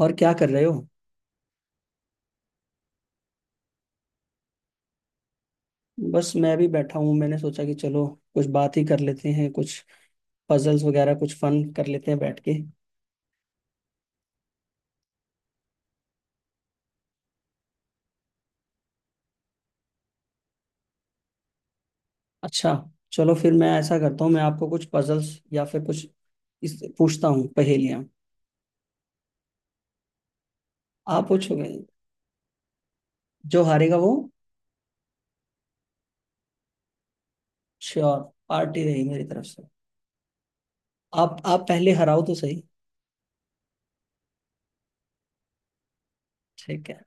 और क्या कर रहे हो? बस मैं भी बैठा हूँ। मैंने सोचा कि चलो कुछ बात ही कर लेते हैं, कुछ पजल्स वगैरह कुछ फन कर लेते हैं बैठ के। अच्छा, चलो फिर मैं ऐसा करता हूँ, मैं आपको कुछ पजल्स या फिर कुछ इस पूछता हूँ, पहेलियाँ। आप पूछोगे, जो हारेगा वो। श्योर। पार्टी रही मेरी तरफ से। आप पहले हराओ तो सही। ठीक है।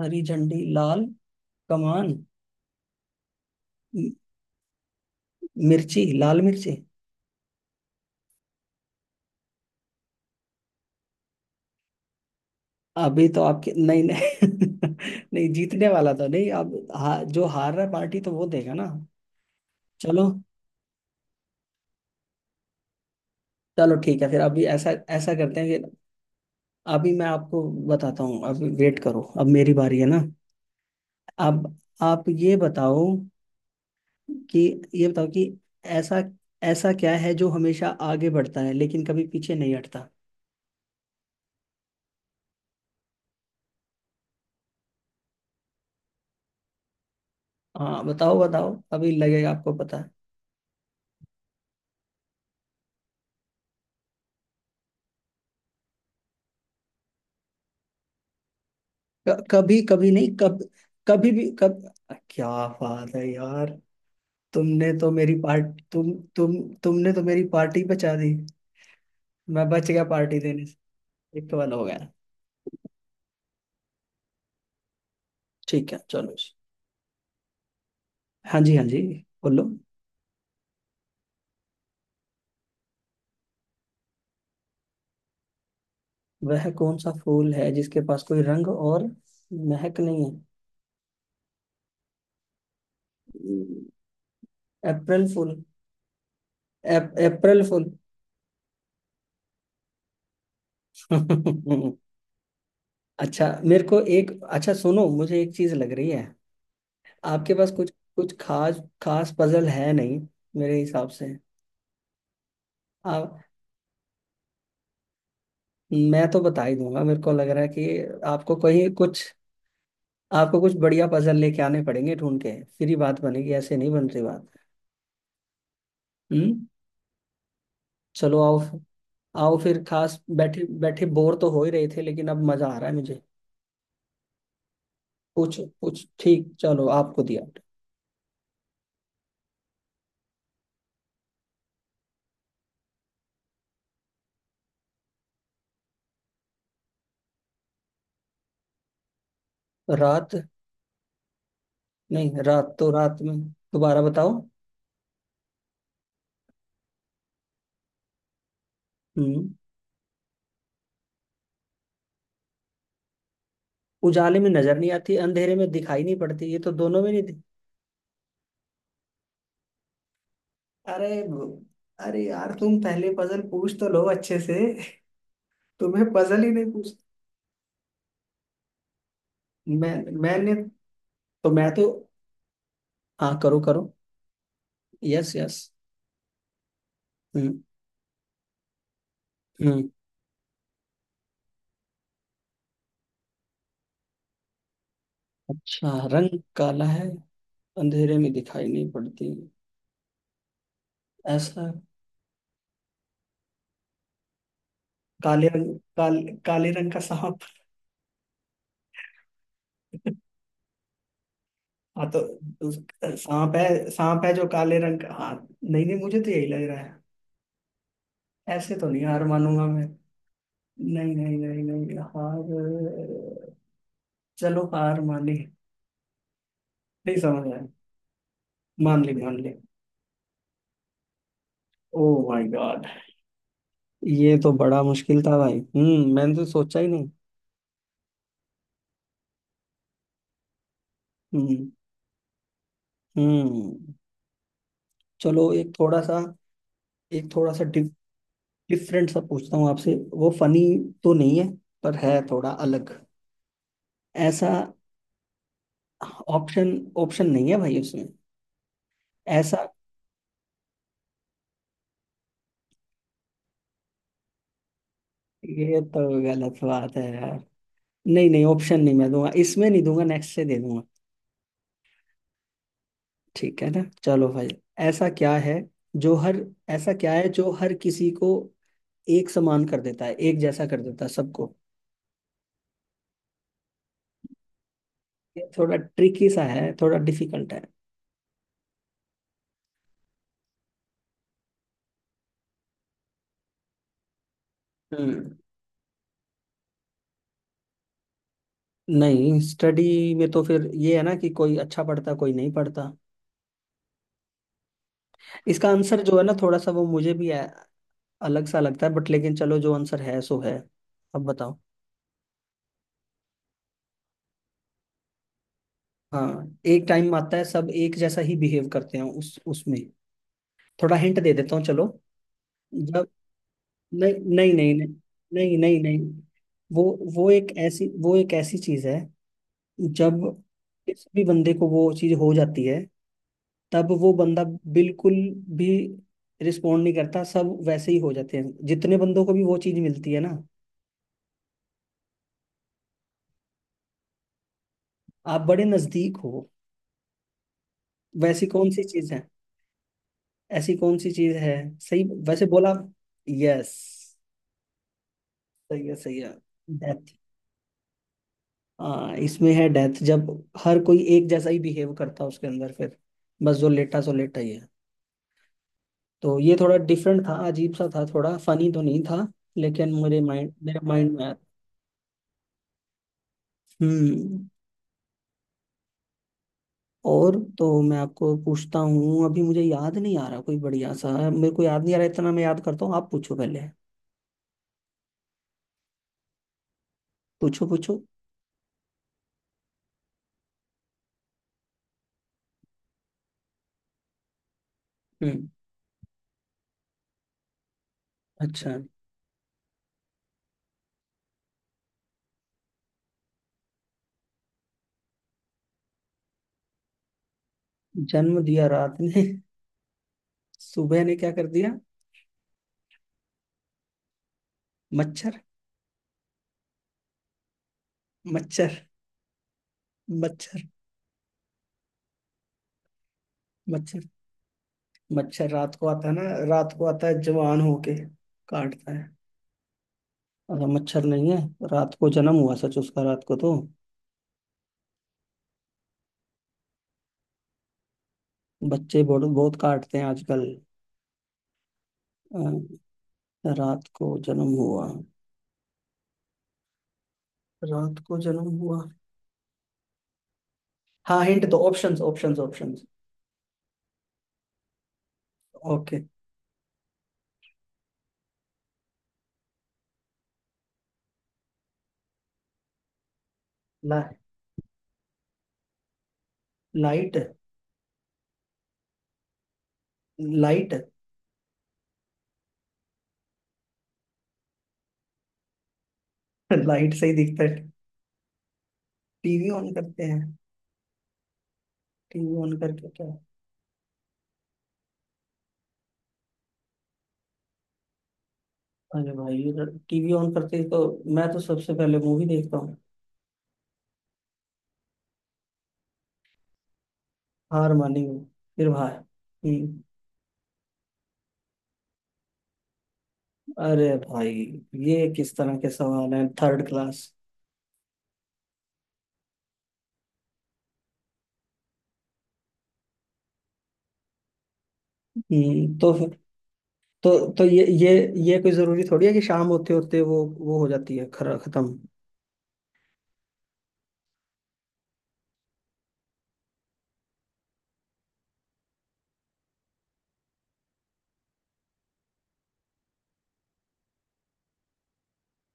हरी झंडी लाल कमान। मि- मिर्ची लाल मिर्ची। अभी तो आपके, नहीं नहीं। नहीं जीतने वाला तो नहीं, अब जो हार रहा है पार्टी तो वो देगा ना। चलो। चलो ठीक है, फिर अभी ऐसा ऐसा करते हैं कि अभी मैं आपको बताता हूँ। अभी वेट करो, अब मेरी बारी है ना। अब आप ये बताओ कि ये बताओ कि ऐसा ऐसा क्या है जो हमेशा आगे बढ़ता है लेकिन कभी पीछे नहीं हटता? हाँ बताओ बताओ, अभी लगेगा आपको पता। कभी कभी नहीं, कब कभी भी, कब? क्या बात है यार! तुमने तो मेरी पार्टी तुम तुम तुमने तो मेरी पार्टी बचा दी। मैं बच गया पार्टी देने से। एक सवाल हो गया। ठीक है चलो जी। हाँ जी, हाँ जी। बोलो। वह कौन सा फूल है जिसके पास कोई रंग और महक नहीं है? अप्रैल फूल। अप्रैल फूल। अच्छा, मेरे को एक सुनो, मुझे एक चीज लग रही है, आपके पास कुछ कुछ खास खास पजल है नहीं मेरे हिसाब से। आप मैं तो बता ही दूंगा, मेरे को लग रहा है कि आपको कोई कुछ, आपको कुछ बढ़िया पजल लेके आने पड़ेंगे, ढूंढ के फिर ही बात बनेगी, ऐसे नहीं बन रही बात। हम्म। चलो आओ। आओ फिर खास, बैठे बैठे बोर तो हो ही रहे थे लेकिन अब मजा आ रहा है मुझे। पूछो पूछ, ठीक चलो, आपको दिया। रात। नहीं, रात तो रात में। दोबारा बताओ। हम्म। उजाले में नजर नहीं आती, अंधेरे में दिखाई नहीं पड़ती, ये तो दोनों में नहीं थी। अरे ब- अरे यार, तुम पहले पजल पूछ तो लो अच्छे से। तुम्हें पजल ही नहीं पूछ, मैं मैंने मैं तो। हाँ करो करो। Yes yes. हम्म, हम्म। अच्छा, रंग काला है, अंधेरे में दिखाई नहीं पड़ती। ऐसा काले रंग काल, काले रंग का सांप। हाँ तो उस- सांप है, सांप है जो काले रंग का, हाँ। नहीं नहीं, मुझे तो यही लग रहा है। ऐसे तो नहीं हार मानूंगा मैं। नहीं नहीं नहीं नहीं हार। चलो हार मान ली, नहीं समझ आया। मान ली, मान ली। Oh my god! ये तो बड़ा मुश्किल था भाई, मैंने तो सोचा ही नहीं। हम्म, हम्म। चलो एक थोड़ा सा, एक थोड़ा सा डिफरेंट सा पूछता हूँ आपसे, वो फनी तो नहीं है, पर है थोड़ा अलग। ऐसा। ऑप्शन ऑप्शन नहीं है भाई उसमें, ऐसा। ये तो गलत बात है यार। नहीं नहीं, ऑप्शन नहीं मैं दूंगा इसमें, नहीं दूंगा, नेक्स्ट से दे दूंगा। ठीक है ना, चलो भाई। ऐसा क्या है जो हर ऐसा क्या है जो हर किसी को एक समान कर देता है, एक जैसा कर देता है सबको? ये थोड़ा ट्रिकी सा है, थोड़ा डिफिकल्ट है। नहीं, स्टडी में तो फिर ये है ना कि कोई अच्छा पढ़ता, कोई नहीं पढ़ता। इसका आंसर जो है ना, थोड़ा सा वो मुझे भी अलग सा लगता है, बट लेकिन चलो, जो आंसर है सो है। अब बताओ। हाँ, एक टाइम आता है सब एक जैसा ही बिहेव करते हैं उस उसमें। थोड़ा हिंट दे देता हूँ, चलो। जब, नहीं नहीं नहीं नहीं नहीं नहीं नहीं। वो वो एक ऐसी चीज है जब किसी भी बंदे को वो चीज हो जाती है, तब वो बंदा बिल्कुल भी रिस्पोंड नहीं करता, सब वैसे ही हो जाते हैं, जितने बंदों को भी वो चीज मिलती है ना। आप बड़े नजदीक हो। वैसी कौन सी चीज है? ऐसी कौन सी चीज है? सही वैसे बोला। यस। सही है, सही है। डेथ। हाँ इसमें है डेथ, जब हर कोई एक जैसा ही बिहेव करता है उसके अंदर, फिर बस जो लेटा सो लेटा ही है। तो ये थोड़ा डिफरेंट था, अजीब सा था, थोड़ा फनी तो नहीं था, लेकिन मेरे माइंड में आया। हम्म। और तो मैं आपको पूछता हूँ, अभी मुझे याद नहीं आ रहा कोई बढ़िया सा, मेरे को याद नहीं आ रहा इतना, मैं याद करता हूँ, आप पूछो पहले। पूछो पूछो। हम्म। अच्छा। जन्म दिया रात ने, सुबह ने क्या कर दिया? मच्छर। मच्छर। मच्छर। मच्छर। मच्छर रात को आता है ना, रात को आता है जवान होके, काटता है। अच्छा, मच्छर नहीं है? रात को जन्म हुआ सच उसका, रात को तो बच्चे बहुत बहुत काटते हैं आजकल। अ, रात को जन्म हुआ। रात को जन्म हुआ। हाँ हिंट दो, ऑप्शंस ऑप्शंस ऑप्शंस। ओके। ला, लाइट। लाइट। लाइट से ही दिखता है। टीवी ऑन करते हैं? टीवी ऑन करके क्या? अरे भाई, टीवी ऑन करते ही तो मैं तो सबसे पहले मूवी देखता हूँ। हार मानी हूँ। फिर भाई। हम्म। अरे भाई, ये किस तरह के सवाल हैं, थर्ड क्लास। तो तो तो ये ये ये कोई जरूरी थोड़ी है कि शाम होते होते वो हो जाती है खर खत्म।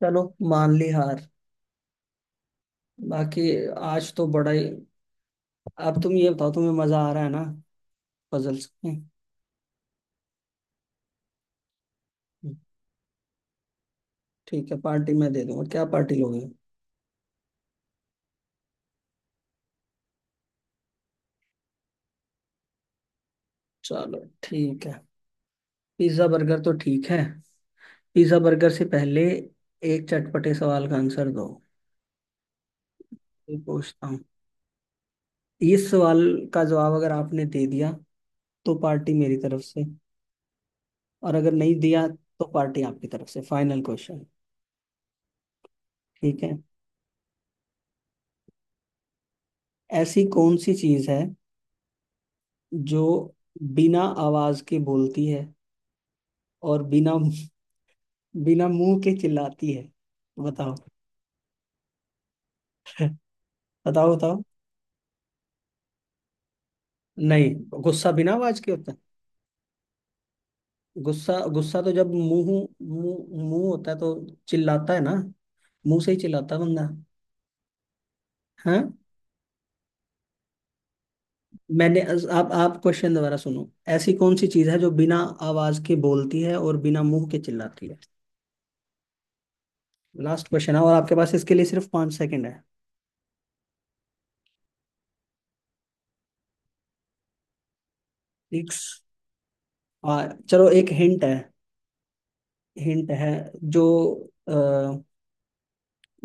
चलो मान ली हार। बाकी, आज तो बड़ा ही। अब तुम ये बताओ, तुम्हें मजा आ रहा है ना पजल्स में? ठीक है, पार्टी मैं दे दूंगा, क्या पार्टी लोगे? चलो ठीक है। पिज्जा बर्गर तो ठीक है। पिज्जा बर्गर से पहले एक चटपटे सवाल का आंसर दो। ये पूछता हूँ, इस सवाल का जवाब अगर आपने दे दिया तो पार्टी मेरी तरफ से, और अगर नहीं दिया तो पार्टी आपकी तरफ से। Final question. ठीक है। ऐसी कौन सी चीज है जो बिना आवाज के बोलती है और बिना बिना मुंह के चिल्लाती है? बताओ। बताओ बताओ। नहीं। गुस्सा बिना आवाज के होता है? गुस्सा गुस्सा तो जब मुंह मुंह मुंह होता है तो चिल्लाता है ना, मुंह से ही चिल्लाता है बंदा। हाँ। मैंने आप क्वेश्चन दोबारा सुनो। ऐसी कौन सी चीज है जो बिना आवाज के बोलती है और बिना मुंह के चिल्लाती है? लास्ट क्वेश्चन है और आपके पास इसके लिए सिर्फ 5 सेकंड है। सिक्स। आ, चलो एक हिंट है। हिंट है जो, अ,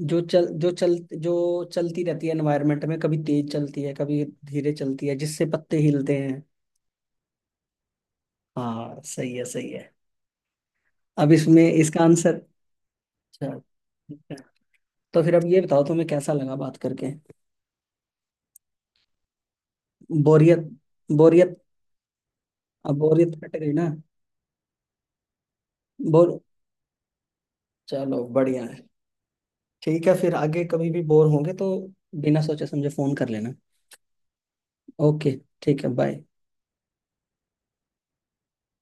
जो चल जो चल जो चलती रहती है एनवायरनमेंट में, कभी तेज चलती है कभी धीरे चलती है, जिससे पत्ते हिलते हैं। हाँ सही है, सही है। अब इसमें इसका आंसर। अच्छा ठीक है। तो फिर अब ये बताओ, तुम्हें कैसा लगा बात करके? बोरियत। बोरियत अब, बोरियत कट गई ना? बोर। चलो बढ़िया है। ठीक है फिर आगे कभी भी बोर होंगे तो बिना सोचे समझे फोन कर लेना। ओके। ठीक है बाय।